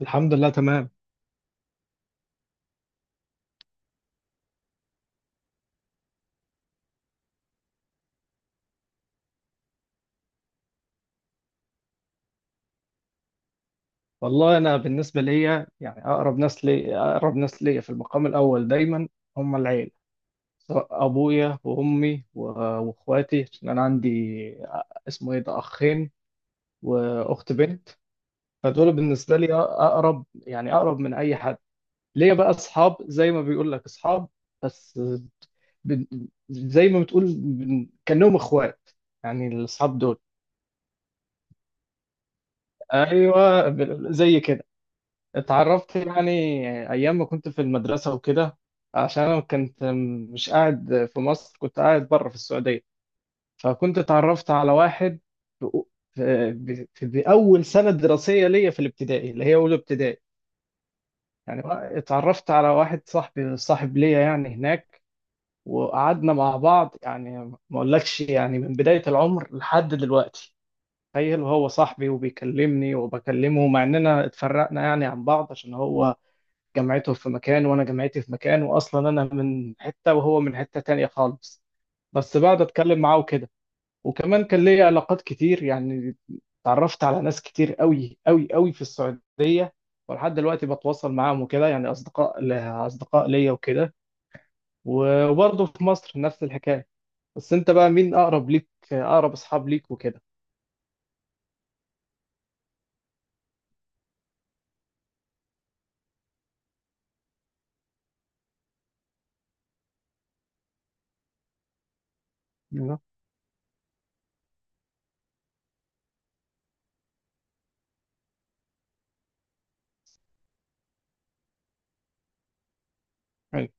الحمد لله تمام. والله انا بالنسبه ليا يعني اقرب ناس لي، اقرب ناس ليا في المقام الاول دايما هم العيله، سواء ابويا وامي واخواتي. عشان انا عندي، اسمه ايه ده، اخين واخت بنت، فدول بالنسبه لي اقرب، يعني اقرب من اي حد. ليا بقى اصحاب زي ما بيقول لك اصحاب، بس بن- زي ما بتقول كانهم اخوات يعني، الاصحاب دول ايوه زي كده. اتعرفت يعني ايام ما كنت في المدرسه وكده، عشان انا كنت مش قاعد في مصر، كنت قاعد بره في السعوديه، فكنت اتعرفت على واحد في في اول سنه دراسيه ليا في الابتدائي اللي هي اولى ابتدائي يعني. اتعرفت على واحد صاحبي، صاحب ليا يعني هناك، وقعدنا مع بعض يعني ما اقولكش يعني من بدايه العمر لحد دلوقتي. تخيل وهو صاحبي وبيكلمني وبكلمه مع اننا اتفرقنا يعني عن بعض، عشان هو جامعته في مكان وانا جامعتي في مكان، واصلا انا من حته وهو من حته تانية خالص، بس بقعد اتكلم معاه وكده. وكمان كان ليا علاقات كتير يعني، اتعرفت على ناس كتير قوي قوي قوي في السعوديه، ولحد دلوقتي بتواصل معاهم وكده، يعني اصدقاء اصدقاء ليا وكده. وبرضه في مصر نفس الحكايه. بس انت بقى مين اقرب ليك، اقرب اصحاب ليك وكده؟ ايوه.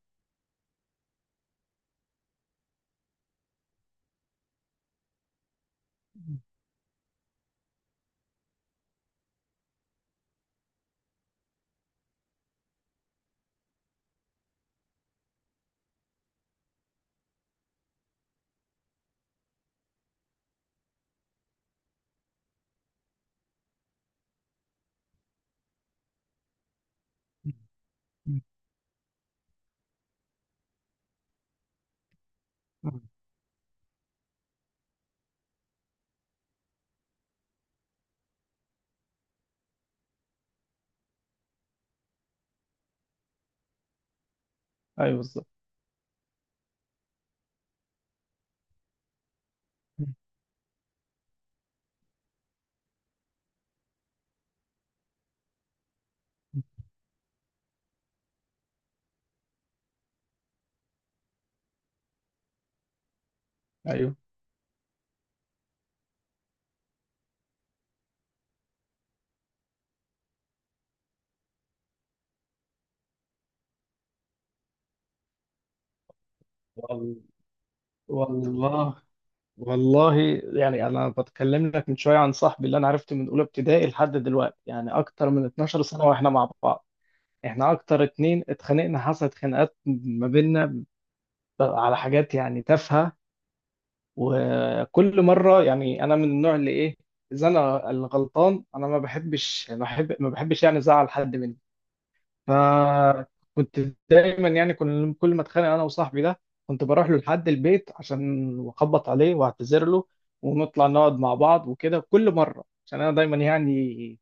ايوه بالظبط. ايوه. وال- والله. والله يعني انا بتكلم لك من شويه عن صاحبي اللي انا عرفته من اولى ابتدائي لحد دلوقتي، يعني اكتر من 12 سنه واحنا مع بعض. احنا اكتر اتنين اتخانقنا، حصلت خناقات ما بيننا على حاجات يعني تافهه. وكل مره يعني، انا من النوع اللي ايه، اذا انا الغلطان انا ما بحبش ما بحبش يعني ازعل حد مني. فكنت دايما يعني كل ما اتخانق انا وصاحبي ده كنت بروح له لحد البيت عشان اخبط عليه واعتذر له، ونطلع نقعد مع بعض وكده كل مره. عشان انا دايما يعني،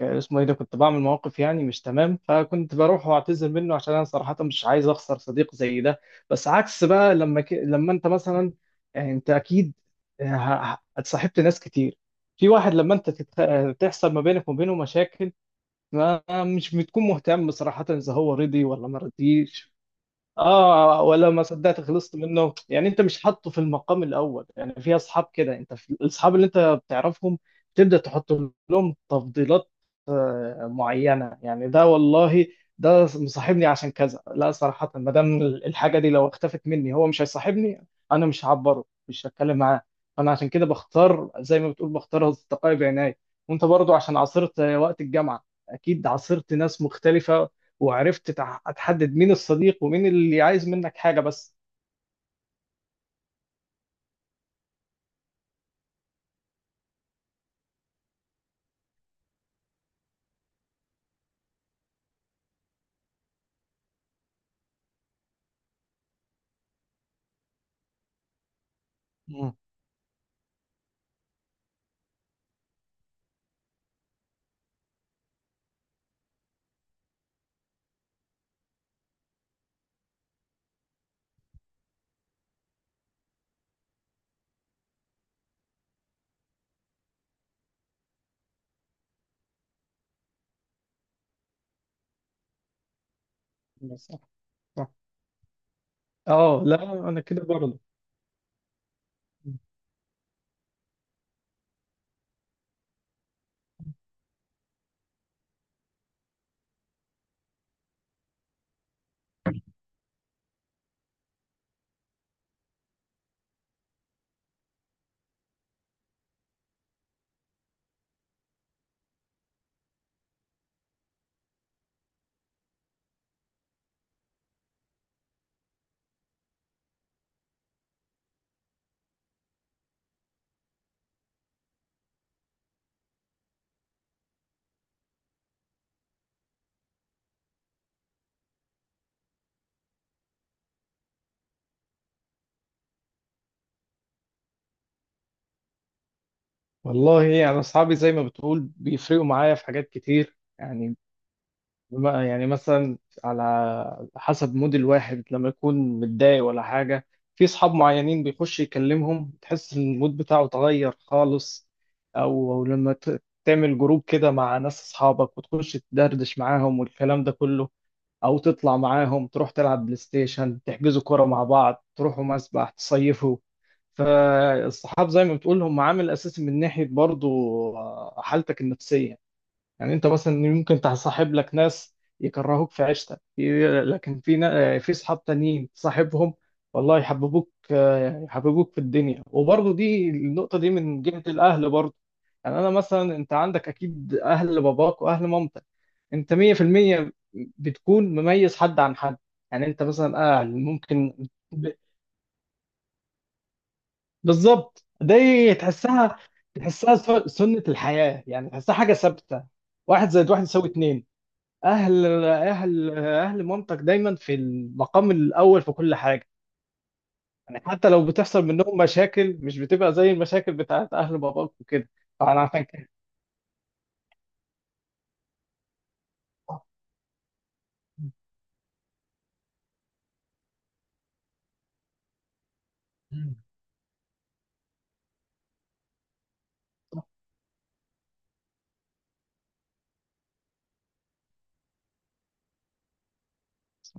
اسمه ايه ده، كنت بعمل مواقف يعني مش تمام، فكنت بروح واعتذر منه عشان انا صراحه مش عايز اخسر صديق زي ده. بس عكس بقى لما لما انت مثلا، يعني انت اكيد اتصاحبت ناس كتير. في واحد لما انت تتخ... آه، تحصل ما بينك وما بينه مشاكل، ما مش بتكون مهتم صراحة إذا هو رضي ولا ما رضيش. اه، ولا ما صدقت خلصت منه، يعني انت مش حاطه في المقام الاول. يعني في اصحاب كده انت في الاصحاب اللي انت بتعرفهم تبدا تحط لهم تفضيلات معينه، يعني ده والله ده مصاحبني عشان كذا، لا صراحه ما دام الحاجه دي لو اختفت مني هو مش هيصاحبني، انا مش هعبره مش هتكلم معاه. انا عشان كده بختار زي ما بتقول، بختار اصدقائي بعناية. وانت برضو عشان عاصرت وقت الجامعه، اكيد عاصرت ناس مختلفه، وعرفت تحدد مين الصديق ومين اللي عايز منك حاجة بس. مم. بس صح. صح. اه لا، انا كده برضه. والله يعني اصحابي زي ما بتقول بيفرقوا معايا في حاجات كتير يعني. يعني مثلا، على حسب مود الواحد لما يكون متضايق ولا حاجه، في اصحاب معينين بيخش يكلمهم تحس ان المود بتاعه اتغير خالص، او لما تعمل جروب كده مع ناس اصحابك وتخش تدردش معاهم والكلام ده كله، او تطلع معاهم تروح تلعب بلاي ستيشن، تحجزوا كرة مع بعض، تروحوا مسبح، تصيفوا. فالصحاب زي ما بتقول هم عامل اساسي من ناحية برضو حالتك النفسية. يعني انت مثلا ممكن تصاحب لك ناس يكرهوك في عيشتك، لكن في في صحاب تانيين تصاحبهم والله يحببوك، يحببوك في الدنيا. وبرضه دي النقطة دي من جهة الأهل برضه. يعني أنا مثلا، أنت عندك أكيد أهل باباك وأهل مامتك، أنت 100% بتكون مميز حد عن حد. يعني أنت مثلا أهل ممكن بالظبط، دي تحسها، تحسها سنة الحياة، يعني تحسها حاجة ثابتة. واحد زائد واحد يساوي اتنين. اهل مامتك دايما في المقام الاول في كل حاجه. يعني حتى لو بتحصل منهم مشاكل مش بتبقى زي المشاكل بتاعت اهل باباك وكده. فانا عشان كده.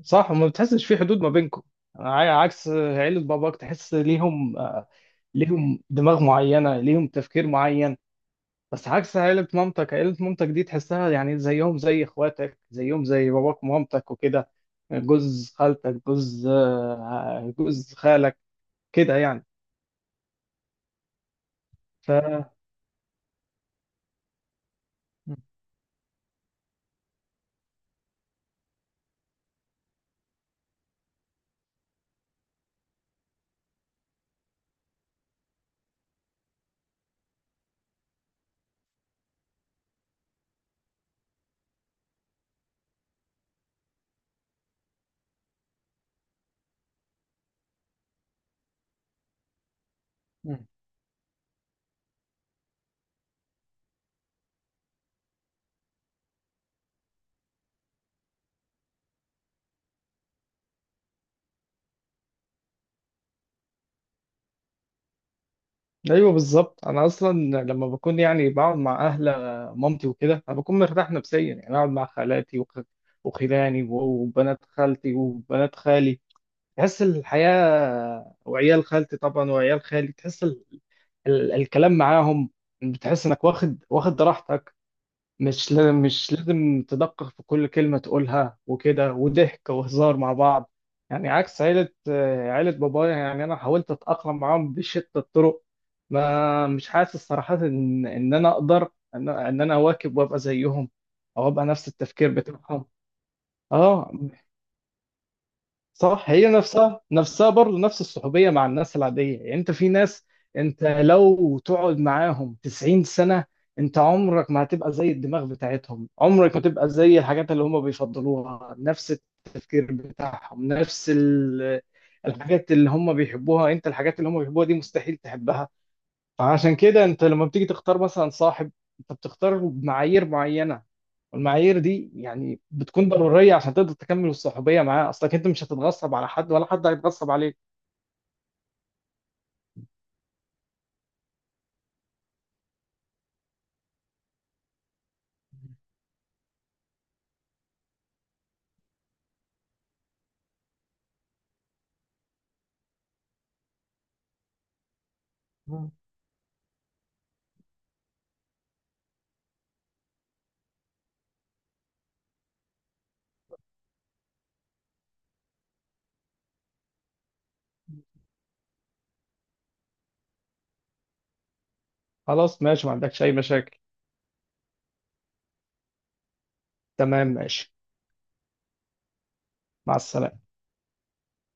صح. وما بتحسش في حدود ما بينكم. عكس عيلة باباك تحس ليهم ليهم دماغ معينة، ليهم تفكير معين. بس عكس عيلة مامتك، عيلة مامتك دي تحسها يعني زيهم زي اخواتك، زيهم زي باباك ومامتك وكده، جوز خالتك، جوز جوز خالك، كده يعني. ف م- م. ايوه بالظبط. انا اصلا لما بكون يعني بقعد مع اهل مامتي وكده انا بكون مرتاح نفسيا، يعني اقعد مع خالاتي وخلاني وبنات خالتي وبنات خالي، تحس الحياه، وعيال خالتي طبعا وعيال خالي، تحس الكلام معاهم بتحس انك واخد راحتك، مش لازم تدقق في كل كلمة تقولها وكده، وضحك وهزار مع بعض، يعني عكس عيلة عيلة بابايا. يعني أنا حاولت أتأقلم معاهم بشتى الطرق، ما مش حاسس صراحة إن أنا أقدر إن أنا أواكب وأبقى زيهم، أو أبقى نفس التفكير بتاعهم. أه صح. هي نفسها نفسها برضه نفس الصحوبية مع الناس العادية. يعني انت في ناس، انت لو تقعد معاهم 90 سنة انت عمرك ما هتبقى زي الدماغ بتاعتهم، عمرك ما تبقى زي الحاجات اللي هم بيفضلوها، نفس التفكير بتاعهم، نفس الحاجات اللي هم بيحبوها، انت الحاجات اللي هم بيحبوها دي مستحيل تحبها. فعشان كده انت لما بتيجي تختار مثلا صاحب انت بتختار بمعايير معينه، والمعايير دي يعني بتكون ضروريه عشان تقدر تكمل الصحوبيه معاه، اصلك انت مش هتتغصب على حد ولا حد هيتغصب عليك. مم. خلاص ماشي ما عندكش اي مشاكل. تمام ماشي. مع السلامه.